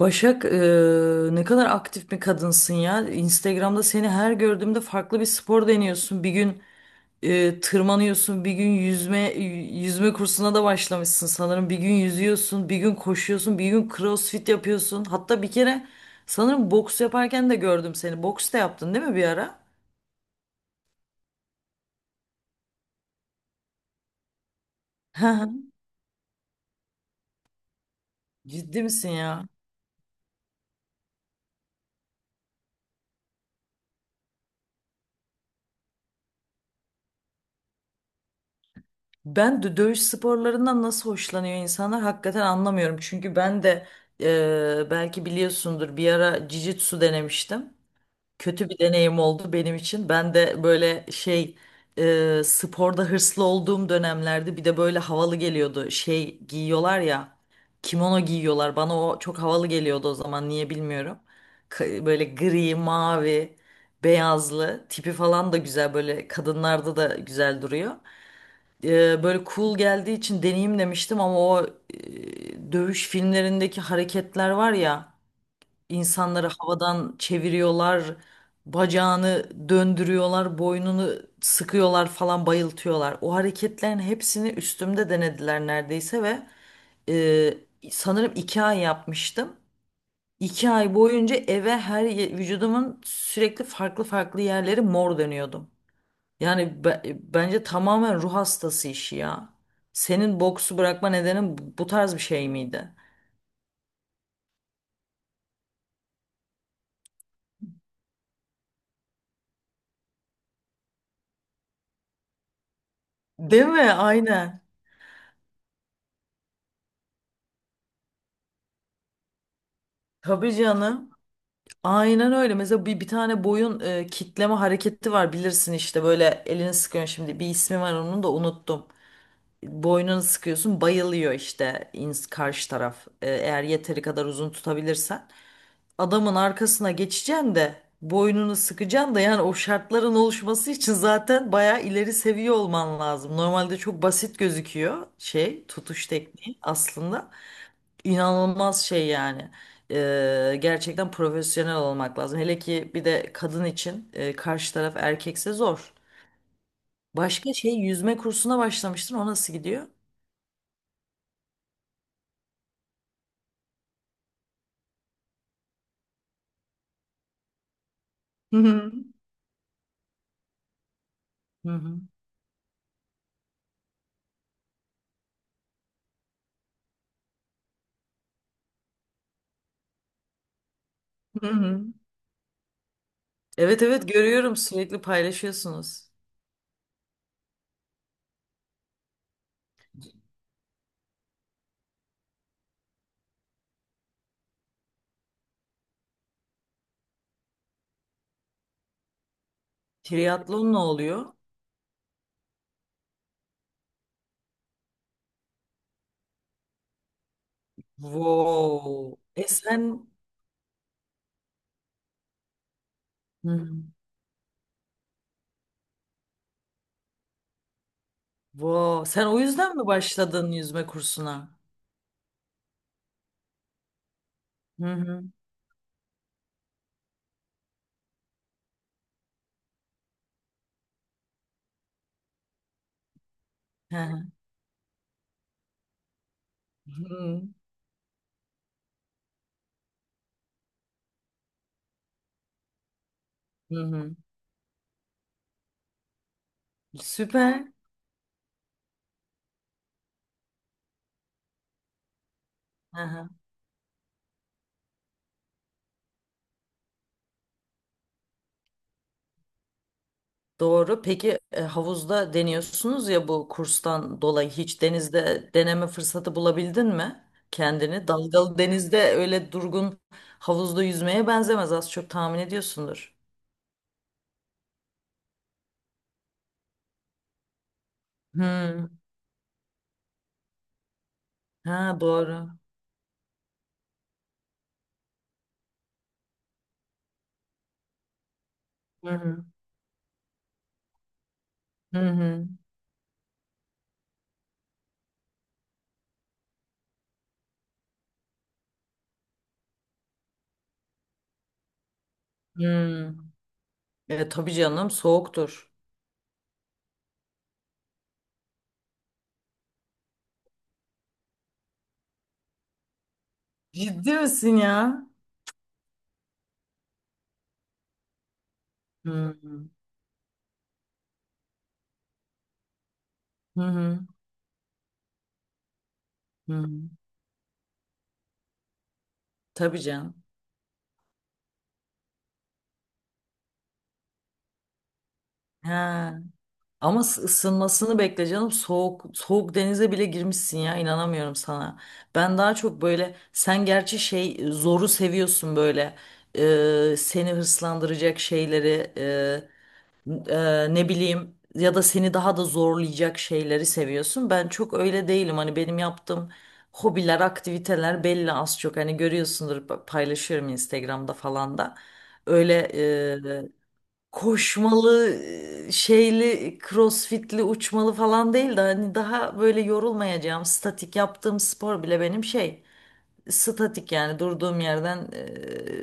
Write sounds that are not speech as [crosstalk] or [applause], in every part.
Başak, ne kadar aktif bir kadınsın ya. Instagram'da seni her gördüğümde farklı bir spor deniyorsun. Bir gün tırmanıyorsun, bir gün yüzme kursuna da başlamışsın sanırım. Bir gün yüzüyorsun, bir gün koşuyorsun, bir gün crossfit yapıyorsun. Hatta bir kere sanırım boks yaparken de gördüm seni. Boks da yaptın değil mi bir ara? [laughs] Ciddi misin ya? Ben de dövüş sporlarından nasıl hoşlanıyor insanlar hakikaten anlamıyorum. Çünkü ben de belki biliyorsundur bir ara jiu-jitsu denemiştim. Kötü bir deneyim oldu benim için. Ben de böyle şey sporda hırslı olduğum dönemlerde bir de böyle havalı geliyordu. Şey giyiyorlar ya, kimono giyiyorlar. Bana o çok havalı geliyordu o zaman, niye bilmiyorum. Böyle gri, mavi, beyazlı tipi falan da güzel, böyle kadınlarda da güzel duruyor, böyle cool geldiği için deneyim demiştim ama o dövüş filmlerindeki hareketler var ya, insanları havadan çeviriyorlar, bacağını döndürüyorlar, boynunu sıkıyorlar falan, bayıltıyorlar. O hareketlerin hepsini üstümde denediler neredeyse ve sanırım iki ay yapmıştım. İki ay boyunca eve her vücudumun sürekli farklı farklı yerleri mor dönüyordum. Yani bence tamamen ruh hastası işi ya. Senin boksu bırakma nedenin bu tarz bir şey miydi? Değil mi? Aynen. Tabii canım. Aynen öyle. Mesela bir tane boyun kitleme hareketi var, bilirsin işte, böyle elini sıkıyorsun, şimdi bir ismi var onun da unuttum. Boynunu sıkıyorsun, bayılıyor işte karşı taraf, eğer yeteri kadar uzun tutabilirsen, adamın arkasına geçeceksin de boynunu sıkacaksın da. Yani o şartların oluşması için zaten bayağı ileri seviye olman lazım. Normalde çok basit gözüküyor, şey, tutuş tekniği aslında inanılmaz şey yani. Gerçekten profesyonel olmak lazım. Hele ki bir de kadın için, karşı taraf erkekse zor. Başka şey, yüzme kursuna başlamıştın. O nasıl gidiyor? Hı hı. Hı hı. Hı hı. Evet evet, görüyorum, sürekli paylaşıyorsunuz. Triatlon ne oluyor? Wow. E sen. Hı hı. Wow. Sen o yüzden mi başladın yüzme kursuna? Hı hı. Hı hı. Hı hı. Süper. Hı hı. Doğru. Peki havuzda deniyorsunuz ya, bu kurstan dolayı hiç denizde deneme fırsatı bulabildin mi? Kendini dalgalı denizde, öyle durgun havuzda yüzmeye benzemez, az çok tahmin ediyorsundur. Hı. Ha doğru. Hı hı. Hı hı. Hı. Tabii canım, soğuktur. Ciddi misin ya? Hı hı. Hı hı. Hı hı. Tabii canım. Ha. Ama ısınmasını bekle canım. Soğuk soğuk denize bile girmişsin ya, inanamıyorum sana. Ben daha çok böyle, sen gerçi şey, zoru seviyorsun böyle. Seni hırslandıracak şeyleri, ne bileyim, ya da seni daha da zorlayacak şeyleri seviyorsun. Ben çok öyle değilim. Hani benim yaptığım hobiler, aktiviteler belli az çok. Hani görüyorsundur, paylaşıyorum Instagram'da falan da. Öyle e, koşmalı, şeyli, crossfitli, uçmalı falan değil de, hani daha böyle yorulmayacağım, statik yaptığım spor bile benim şey, statik yani durduğum yerden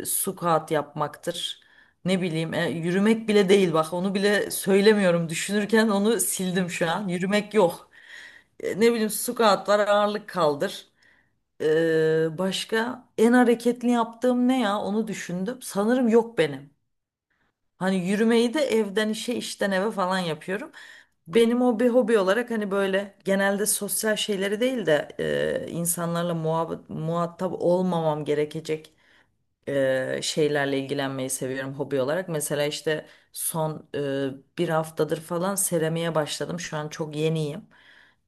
squat yapmaktır. Ne bileyim yürümek bile değil, bak onu bile söylemiyorum, düşünürken onu sildim şu an. Yürümek yok. Ne bileyim, squat var, ağırlık kaldır. Başka en hareketli yaptığım ne ya, onu düşündüm. Sanırım yok benim. Hani yürümeyi de evden işe, işten eve falan yapıyorum. Benim hobi hobi olarak hani böyle genelde sosyal şeyleri değil de insanlarla muhatap olmamam gerekecek şeylerle ilgilenmeyi seviyorum hobi olarak. Mesela işte son bir haftadır falan seramiğe başladım. Şu an çok yeniyim.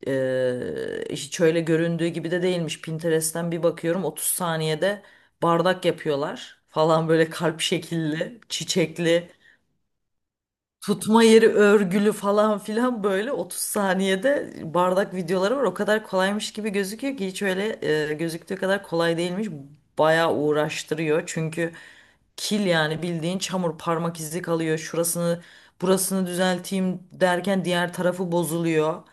Hiç öyle göründüğü gibi de değilmiş. Pinterest'ten bir bakıyorum, 30 saniyede bardak yapıyorlar falan, böyle kalp şekilli, çiçekli tutma yeri örgülü falan filan, böyle 30 saniyede bardak videoları var. O kadar kolaymış gibi gözüküyor ki, hiç öyle gözüktüğü kadar kolay değilmiş. Bayağı uğraştırıyor. Çünkü kil, yani bildiğin çamur, parmak izi kalıyor. Şurasını burasını düzelteyim derken diğer tarafı bozuluyor.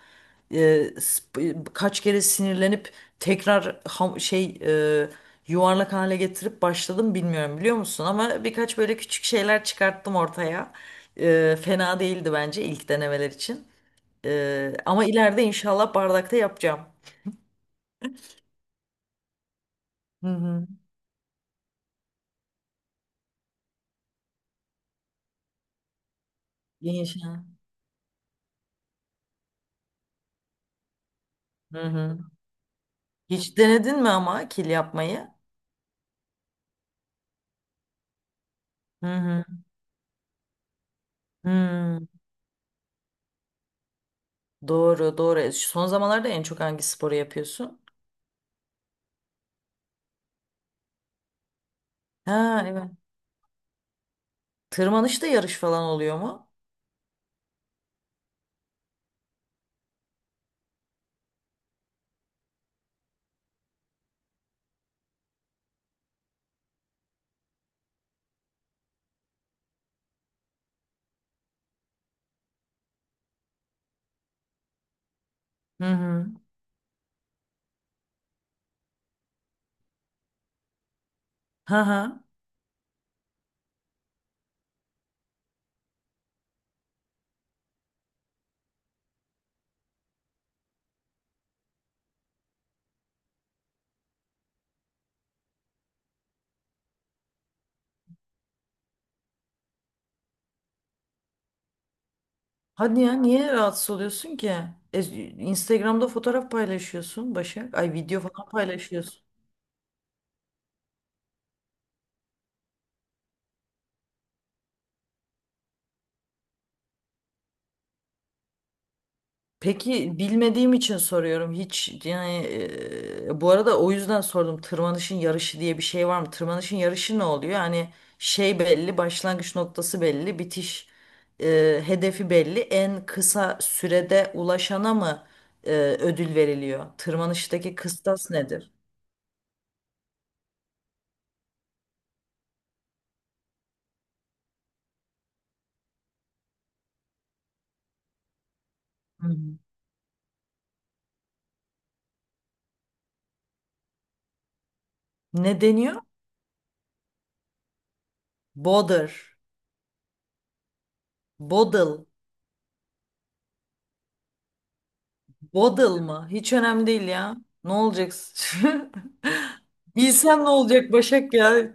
e, kaç kere sinirlenip tekrar şey, e, yuvarlak hale getirip başladım, bilmiyorum, biliyor musun? Ama birkaç böyle küçük şeyler çıkarttım ortaya. Fena değildi bence ilk denemeler için. Ama ileride inşallah bardakta yapacağım. Hı hı. İnşallah. Hı hı. Hiç denedin mi ama kil yapmayı? Hı hı. Hı. Doğru doğru. Son zamanlarda en çok hangi sporu yapıyorsun? Ha evet. Tırmanışta yarış falan oluyor mu? Hı hı. Ha ha. Hadi ya, niye rahatsız oluyorsun ki? E, Instagram'da fotoğraf paylaşıyorsun Başak. Ay, video falan paylaşıyorsun. Peki bilmediğim için soruyorum. Hiç yani, bu arada o yüzden sordum. Tırmanışın yarışı diye bir şey var mı? Tırmanışın yarışı ne oluyor? Yani şey belli, başlangıç noktası belli, bitiş hedefi belli. En kısa sürede ulaşana mı e, ödül veriliyor? Tırmanıştaki kıstas nedir? Hı hı. Ne deniyor? Boulder. Bodıl. Bodıl mı? Hiç önemli değil ya. Ne olacaksın? [laughs] Bilsem ne olacak Başak ya?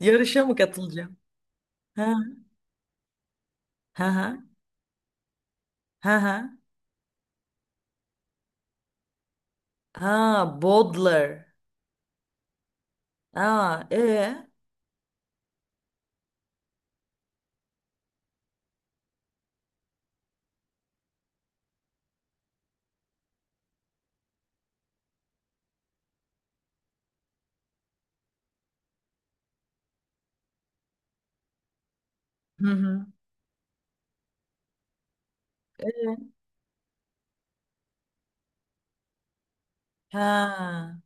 Yarışa mı katılacağım? Ha ha ha ha ha. Ha, Bodler. Ha e. Hı hı. E? Ha.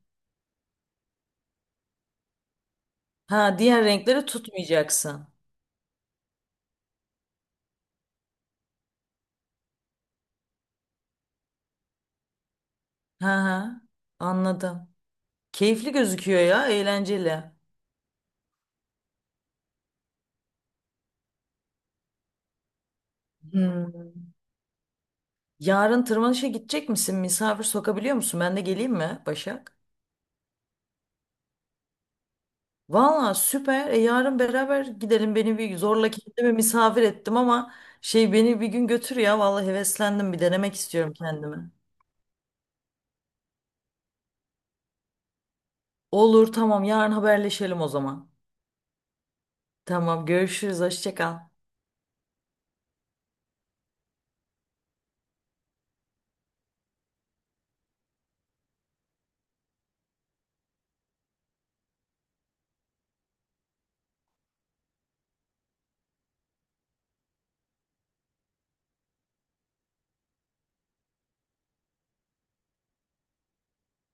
Ha, diğer renkleri tutmayacaksın. Ha ha. Anladım. Keyifli gözüküyor ya, eğlenceli. Hmm. Yarın tırmanışa gidecek misin? Misafir sokabiliyor musun? Ben de geleyim mi Başak? Valla süper. Yarın beraber gidelim. Beni bir zorla kendimi misafir ettim ama şey, beni bir gün götür ya. Valla heveslendim. Bir denemek istiyorum kendimi. Olur, tamam, yarın haberleşelim o zaman. Tamam, görüşürüz. Hoşça kal.